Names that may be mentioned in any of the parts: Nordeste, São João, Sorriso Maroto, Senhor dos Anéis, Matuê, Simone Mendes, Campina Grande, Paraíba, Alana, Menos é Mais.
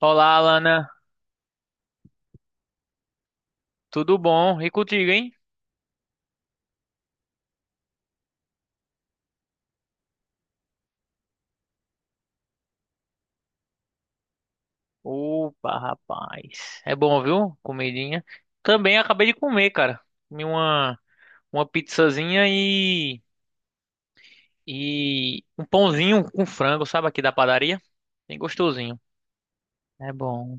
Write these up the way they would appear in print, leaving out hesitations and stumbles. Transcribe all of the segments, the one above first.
Olá, Alana. Tudo bom? E contigo, hein? Opa, rapaz. É bom, viu? Comidinha. Também acabei de comer, cara. Comi uma pizzazinha e um pãozinho com frango, sabe, aqui da padaria. Bem gostosinho. É bom.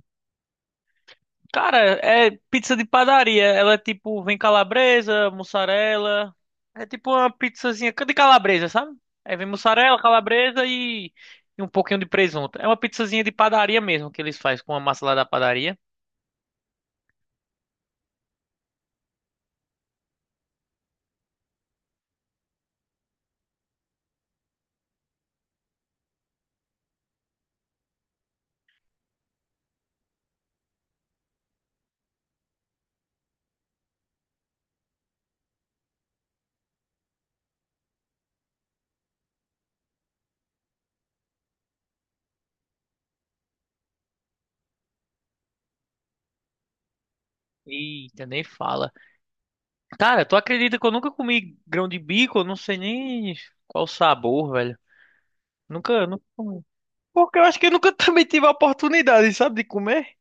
Cara, é pizza de padaria. Ela é tipo, vem calabresa, mussarela. É tipo uma pizzazinha de calabresa, sabe? Aí vem mussarela, calabresa e um pouquinho de presunto. É uma pizzazinha de padaria mesmo que eles fazem com a massa lá da padaria. Eita, nem fala. Cara, tu acredita que eu nunca comi grão de bico? Eu não sei nem qual o sabor, velho. Nunca, nunca comi. Porque eu acho que eu nunca também tive a oportunidade, sabe, de comer.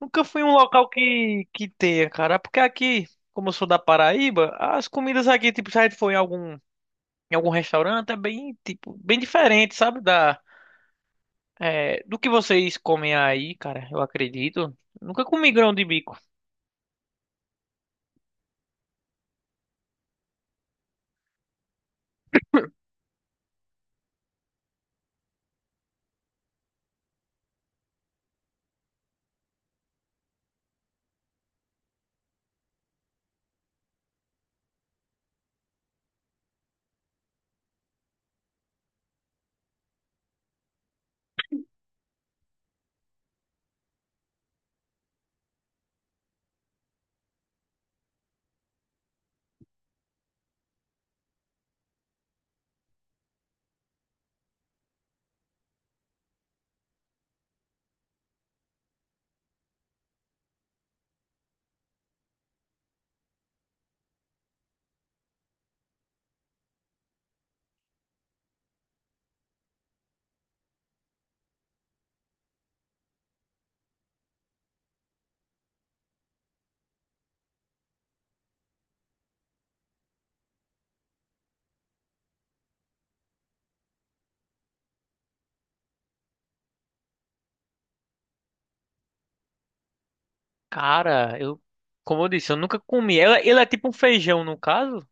Nunca fui em um local que tenha, cara. Porque aqui, como eu sou da Paraíba, as comidas aqui, tipo, se a gente for em algum restaurante, é bem, tipo, bem diferente, sabe? Do que vocês comem aí, cara, eu acredito. Nunca comi grão de bico. Cara, como eu disse, eu nunca comi. Ele é tipo um feijão, no caso.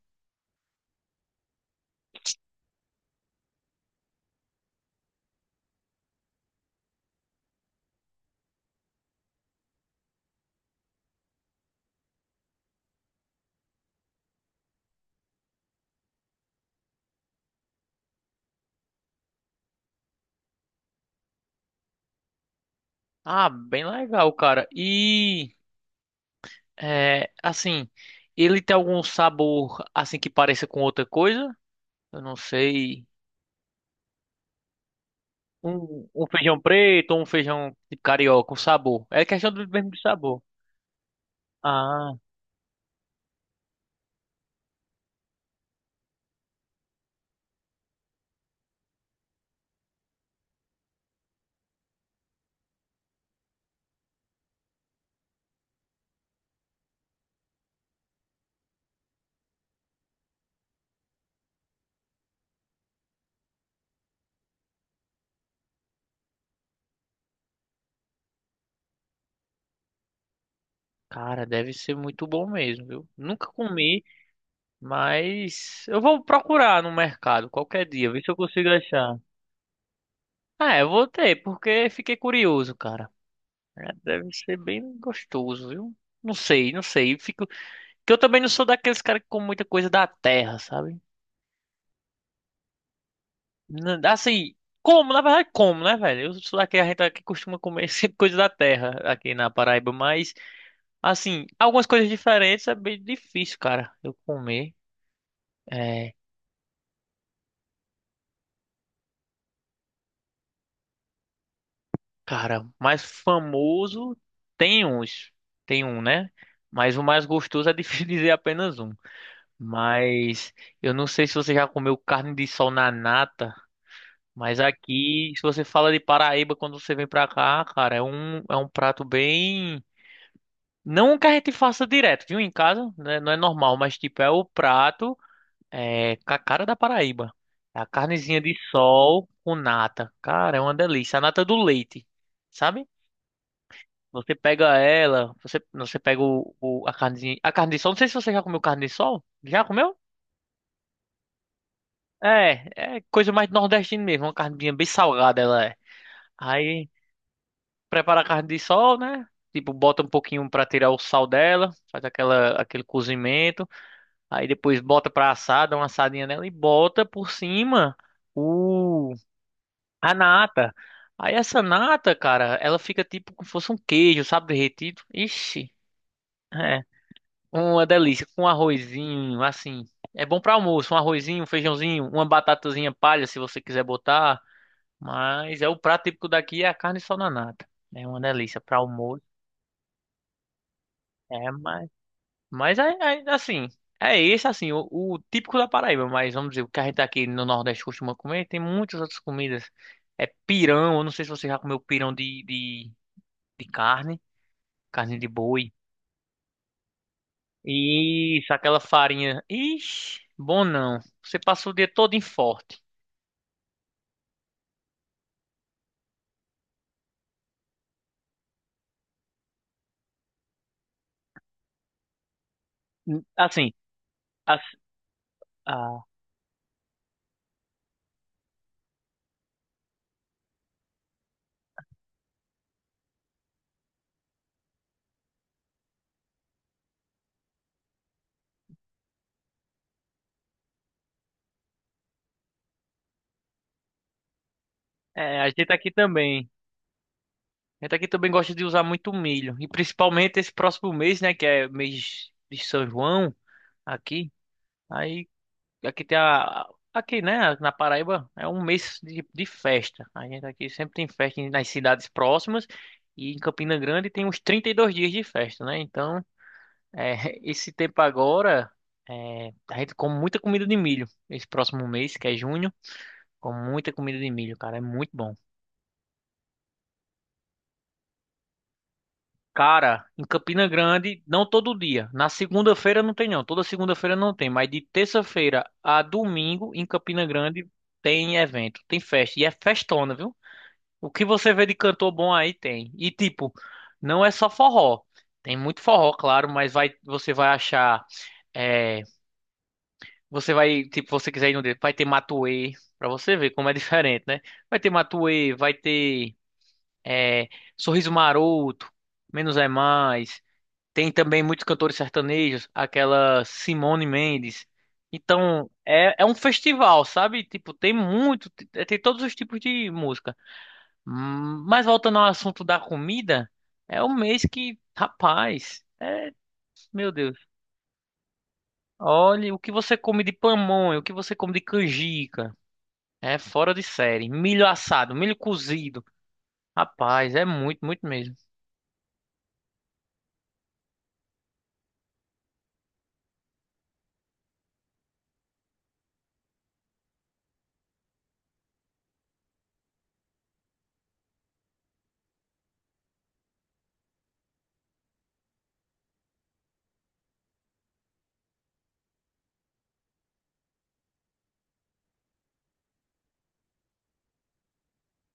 Ah, bem legal, cara. Assim, ele tem algum sabor, assim, que pareça com outra coisa? Eu não sei. Um feijão preto ou um feijão de carioca, com sabor. É questão do mesmo de sabor. Ah, cara, deve ser muito bom mesmo, viu? Nunca comi, mas eu vou procurar no mercado qualquer dia, ver se eu consigo achar. Ah, eu vou ter, porque fiquei curioso, cara. É, deve ser bem gostoso, viu? Não sei, não sei. Fico... Que eu também não sou daqueles caras que comem muita coisa da terra, sabe? Assim, como, na verdade, como, né, velho? Eu sou daqui, a gente aqui costuma comer sempre coisa da terra aqui na Paraíba, mas, assim, algumas coisas diferentes é bem difícil, cara, eu comer. É, cara, mais famoso tem uns, tem um, né? Mas o mais gostoso é difícil dizer apenas um. Mas eu não sei se você já comeu carne de sol na nata, mas aqui, se você fala de Paraíba quando você vem pra cá, cara, é um prato bem. Não que a gente faça direto, viu? Em casa, né? Não é normal, mas tipo, é o prato com a cara da Paraíba. É a carnezinha de sol com nata. Cara, é uma delícia. A nata do leite, sabe? Você pega ela, você pega a carnezinha. A carne de sol, não sei se você já comeu carne de sol. Já comeu? É coisa mais nordestina mesmo. Uma carninha bem salgada ela é. Aí prepara a carne de sol, né? Tipo, bota um pouquinho pra tirar o sal dela, faz aquela, aquele cozimento. Aí depois bota pra assar, dá uma assadinha nela e bota por cima o a nata. Aí essa nata, cara, ela fica tipo como se fosse um queijo, sabe, derretido. Ixi, é uma delícia com um arrozinho, assim. É bom pra almoço, um arrozinho, um feijãozinho, uma batatazinha palha se você quiser botar, mas é o prato típico daqui é a carne só na nata. É uma delícia pra almoço. É, mas Mas é, é assim, o típico da Paraíba, mas vamos dizer, o que a gente aqui no Nordeste costuma comer, tem muitas outras comidas. É pirão, eu não sei se você já comeu pirão de carne, de boi. Isso, aquela farinha. Ixi, bom não. Você passa o dia todo em forte. Assim, a, a, a gente aqui também. A gente aqui também gosta de usar muito milho. E principalmente esse próximo mês, né? Que é mês de São João aqui. Aí Aqui tem a. Aqui, né, na Paraíba, é um mês de festa. A gente aqui sempre tem festa nas cidades próximas. E em Campina Grande tem uns 32 dias de festa, né? Então, é, esse tempo agora, a gente come muita comida de milho. Esse próximo mês, que é junho, come muita comida de milho, cara. É muito bom. Cara, em Campina Grande, não todo dia. Na segunda-feira não tem, não. Toda segunda-feira não tem. Mas de terça-feira a domingo, em Campina Grande, tem evento, tem festa. E é festona, viu? O que você vê de cantor bom aí tem. E tipo, não é só forró. Tem muito forró, claro, mas vai, você vai achar, é, tipo, você quiser ir no dedo, vai ter Matuê, pra você ver como é diferente, né? Vai ter Matuê, vai ter, é, Sorriso Maroto, Menos é Mais. Tem também muitos cantores sertanejos, aquela Simone Mendes. Então, é um festival, sabe? Tipo, tem todos os tipos de música. Mas voltando ao assunto da comida, é um mês que, rapaz, meu Deus. Olha o que você come de pamonha, o que você come de canjica. É fora de série. Milho assado, milho cozido. Rapaz, é muito, muito mesmo.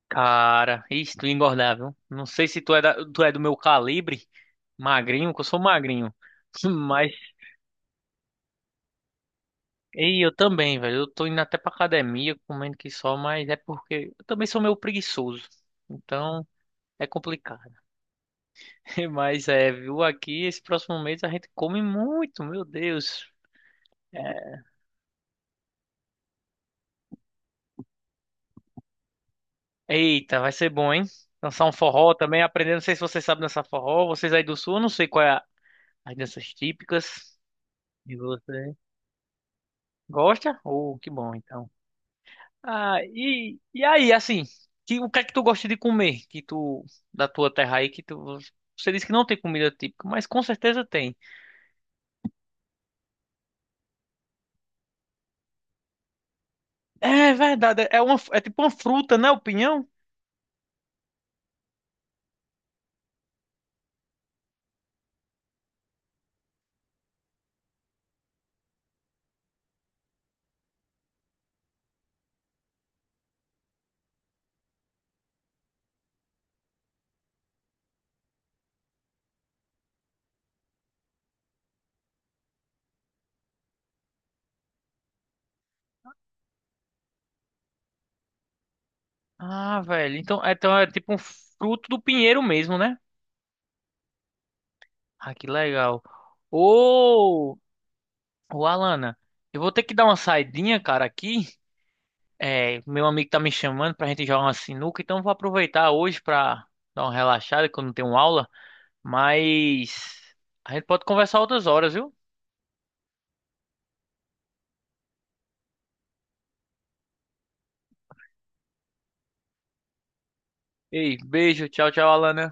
Cara, isso, tu ia engordar, viu? Não sei se tu é do meu calibre, magrinho, que eu sou magrinho. Mas, e eu também, velho. Eu tô indo até pra academia, comendo que só, mas é porque eu também sou meio preguiçoso. Então, é complicado. Mas é, viu aqui, esse próximo mês a gente come muito, meu Deus. É, Eita, vai ser bom, hein? Dançar um forró também, aprender. Não sei se você sabe dançar forró. Vocês aí do sul, eu não sei qual é as danças típicas de você. Gosta? Oh, que bom, então. Ah, e aí, assim, o que é que tu gosta de comer? Que tu, da tua terra aí, que tu, você disse que não tem comida típica, mas com certeza tem. É verdade, é tipo uma fruta, né? O pinhão? Ah, velho. Então é tipo um fruto do pinheiro mesmo, né? Ah, que legal. Ô, ô, Alana, eu vou ter que dar uma saidinha, cara, aqui. É, meu amigo tá me chamando pra gente jogar uma sinuca, então eu vou aproveitar hoje pra dar uma relaxada, que eu não tenho aula. Mas a gente pode conversar outras horas, viu? Ei, beijo. Tchau, tchau, Alana.